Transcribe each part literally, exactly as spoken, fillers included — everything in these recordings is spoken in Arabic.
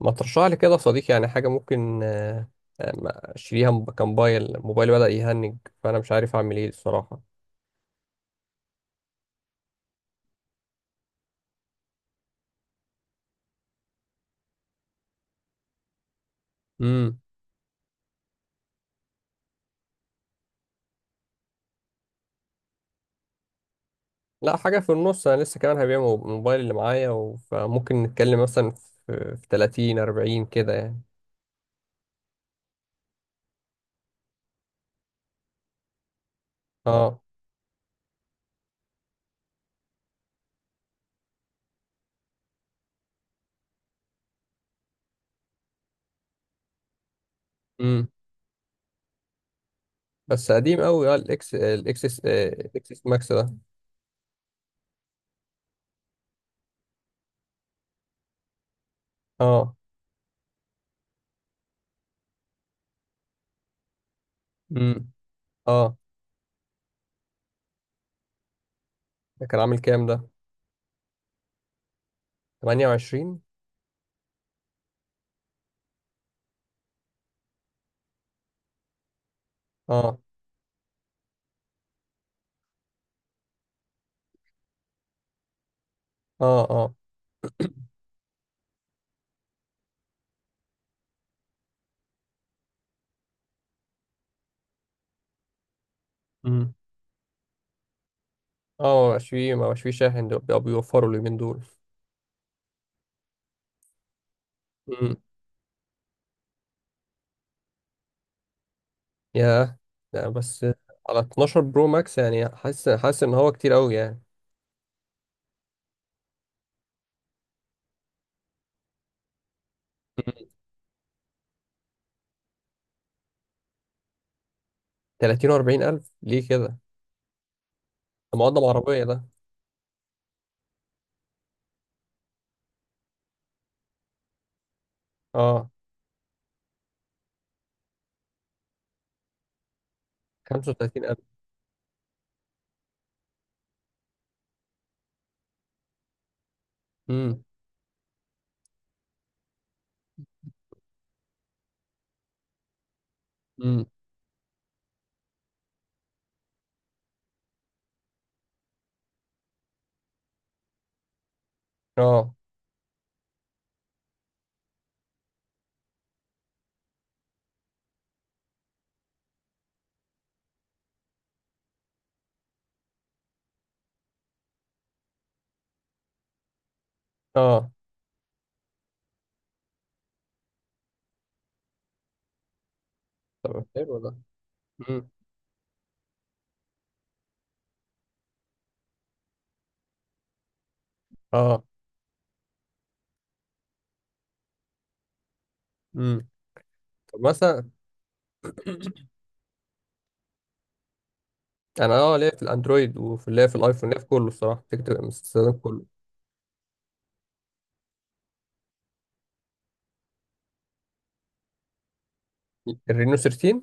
ما ترشح لي كده يا صديقي، يعني حاجة ممكن، آه، آه، ما أشتريها، م- كموبايل، موبايلي بدأ يهنج. فأنا مش عارف أعمل إيه الصراحة. امم. لا، حاجة في النص. أنا لسه كمان هبيع مو- الموبايل اللي معايا، و- فممكن نتكلم مثلا في في تلاتين اربعين كده يعني. اه. امم. بس قديم قوي، اه، الإكس الإكسس آه، الإكسس ماكس ده. اه. امم. اه، ده كان عامل كام ده؟ ثمانية وعشرين؟ اه. اه. اه. امم. اه. ما بقاش فيه، ما بقاش فيه شاحن، دول بيوفروا اليومين دول. يا! لا، بس. على اتناشر برو ماكس؟ يعني حاسس حاسس ان هو كتير قوي يعني. تلاتين و اربعين الف؟ ليه كده؟ ده مقدم عربيه ده! اه. خمسة وتلاتين الف! امم. امم. اه. اه. طب حلو ده. امم. اه. امم. طب، مثلا. انا، اه ليا في الاندرويد، وفي، ليا في الايفون، ليا في كله الصراحه، فكره الاستخدام كله. الرينو تلتاشر.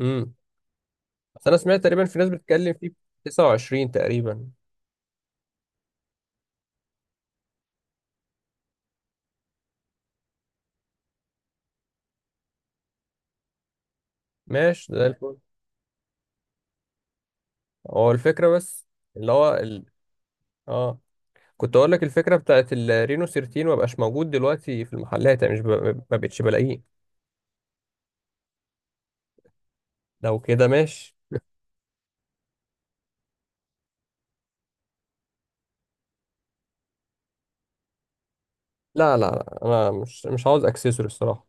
امم. بس انا سمعت تقريبا في ناس بتتكلم فيه ب تسعة وعشرين تقريبا. ماشي، ده الفل. هو الفكره بس، اللي هو ال... اه، كنت اقول لك الفكره بتاعت الرينو تلتاشر ما بقاش موجود دلوقتي في المحلات، يعني مش ب... ما بقتش بلاقيه. لو كده ماشي. لا، لا، لا، انا مش مش عاوز اكسسوري الصراحه.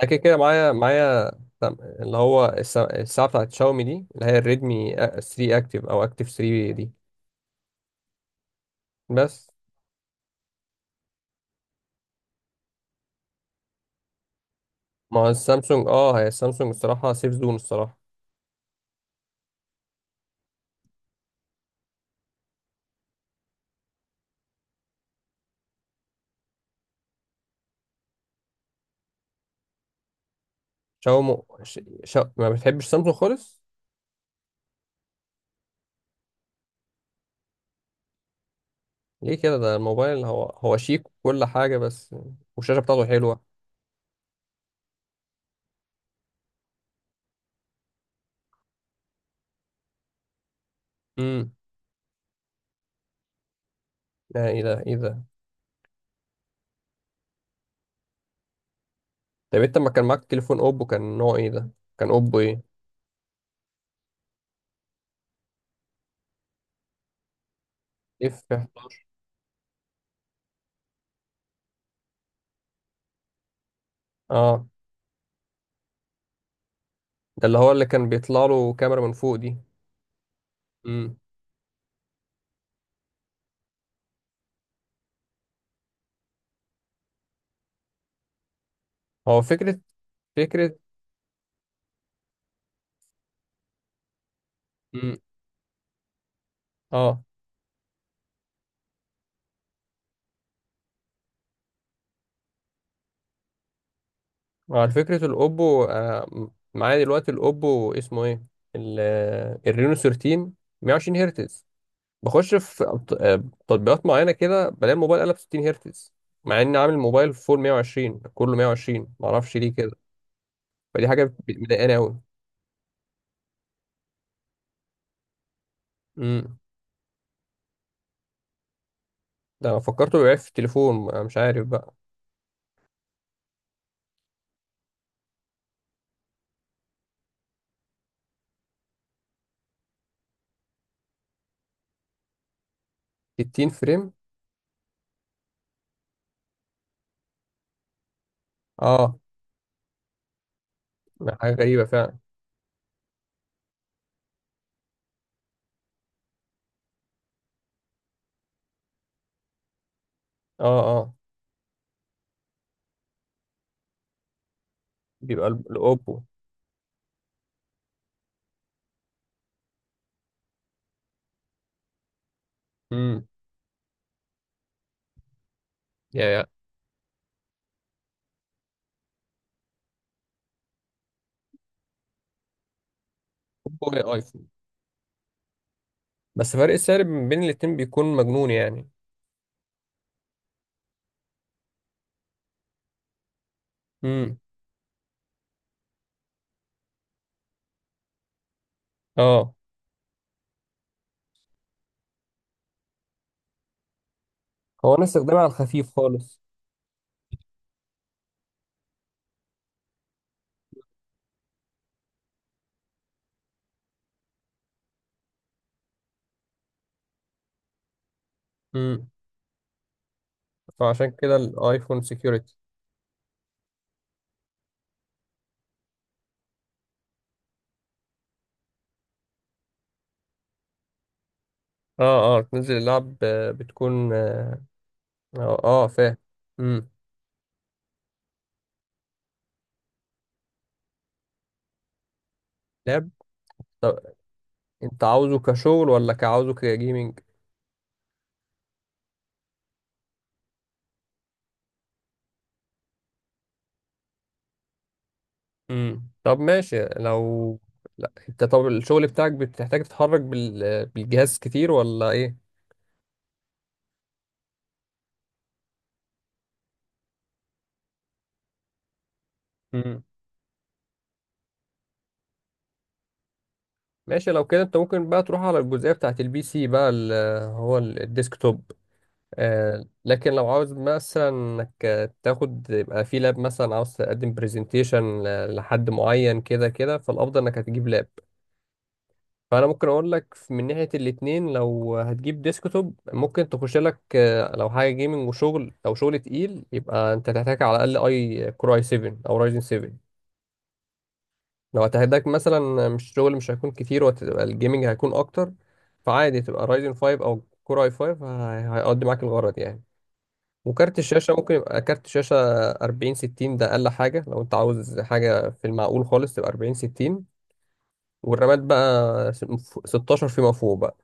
انا كده كده معايا، معايا سم- اللي هو الس- الساعه بتاعت شاومي دي، اللي هي الريدمي تلاتة اكتف، او اكتف تلاتة دي. بس. ما هو السامسونج، اه، هي السامسونج الصراحه سيف زون الصراحه. شاومي. ش... ش... ما بتحبش سامسونج خالص؟ ليه كده؟ ده الموبايل هو هو شيك وكل حاجه، بس. والشاشه بتاعته حلوه. امم. لا، ايه ده، ايه ده! طب انت ما كان معاك تليفون اوبو، كان نوع ايه ده؟ كان اوبو ايه؟ اف. اه. ده اللي هو اللي كان بيطلع له كاميرا من فوق دي؟ امم. هو فكرة. فكرة. امم. اه. على فكرة الاوبو، آه م- معايا دلوقتي الاوبو، اسمه ايه؟ ال- آه، الرينو تلتاشر. مية وعشرين هرتز. بخش في أبط- آه، تطبيقات معينة كده، بلاقي الموبايل قلب ستين هرتز، مع اني عامل الموبايل فول مائة وعشرين، كله مائة وعشرين، معرفش ليه كده. فدي حاجة بت- مضايقاني قوي. ده انا فكرته بيعرف في التليفون، أنا مش عارف بقى. ستين فريم. اه. حاجه غريبه فعلا. اه. اه. بيبقى ال- الاوبو. امم. يا يا اوبو، يا ايفون. بس فرق السعر من بين الاتنين بيكون مجنون يعني. امم. اه. هو انا استخدامي على الخفيف خالص. امم. فعشان كده الايفون سكيورتي. اه، اه، تنزل اللعب، آه، بتكون، اه. اه، آه، فاهم. امم. لاب. طب انت عاوزه كشغل ولا كعاوزه كجيمنج؟ امم. طب ماشي، لو لا، انت طب الشغل بتاعك بتحتاج تتحرك بال... بالجهاز كتير ولا ايه؟ امم. ماشي، لو كده انت ممكن بقى تروح على الجزئية بتاعت البي سي بقى، ال- هو ال- الديسكتوب. آه لكن لو عاوز مثلا انك تاخد، يبقى في لاب، مثلا عاوز تقدم برزنتيشن لحد معين كده كده، فالافضل انك هتجيب لاب. فانا ممكن اقول لك من ناحيه الاتنين. لو هتجيب ديسكتوب، ممكن تخش لك، آه، لو حاجه جيمنج وشغل، او شغل تقيل، يبقى انت تحتاج على الاقل اي كور اي سبعة، او رايزن سبعة. لو هتحتاج مثلا مش شغل مش هيكون كتير، وهتبقى الجيمنج هيكون اكتر، فعادي تبقى رايزن خمسة، او كور اي خمسة. هي- هيقضي معاك الغرض يعني. وكارت الشاشه ممكن يبقى كارت شاشه اربعين ستين. ده اقل حاجه، لو انت عاوز حاجه في المعقول خالص، تبقى أربعين ستين. والرامات بقى ستاشر فيما فوق.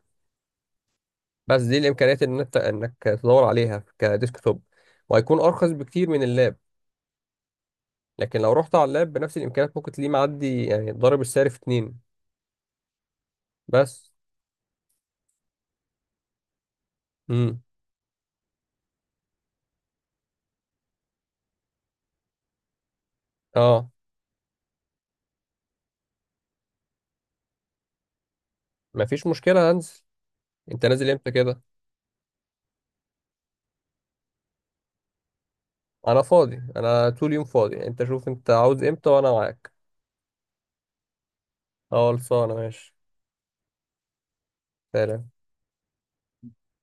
بس دي الامكانيات ان انت انك تدور عليها كديسك توب، وهيكون ارخص بكتير من اللاب. لكن لو رحت على اللاب بنفس الامكانيات، ممكن تلاقيه معدي يعني، ضارب السعر في اتنين. بس. امم. اه. مفيش مشكله، هنزل. انت نازل امتى كده؟ انا فاضي، انا طول يوم فاضي، انت شوف انت عاوز امتى وانا معاك. اه، خلصانه، ماشي. سلام.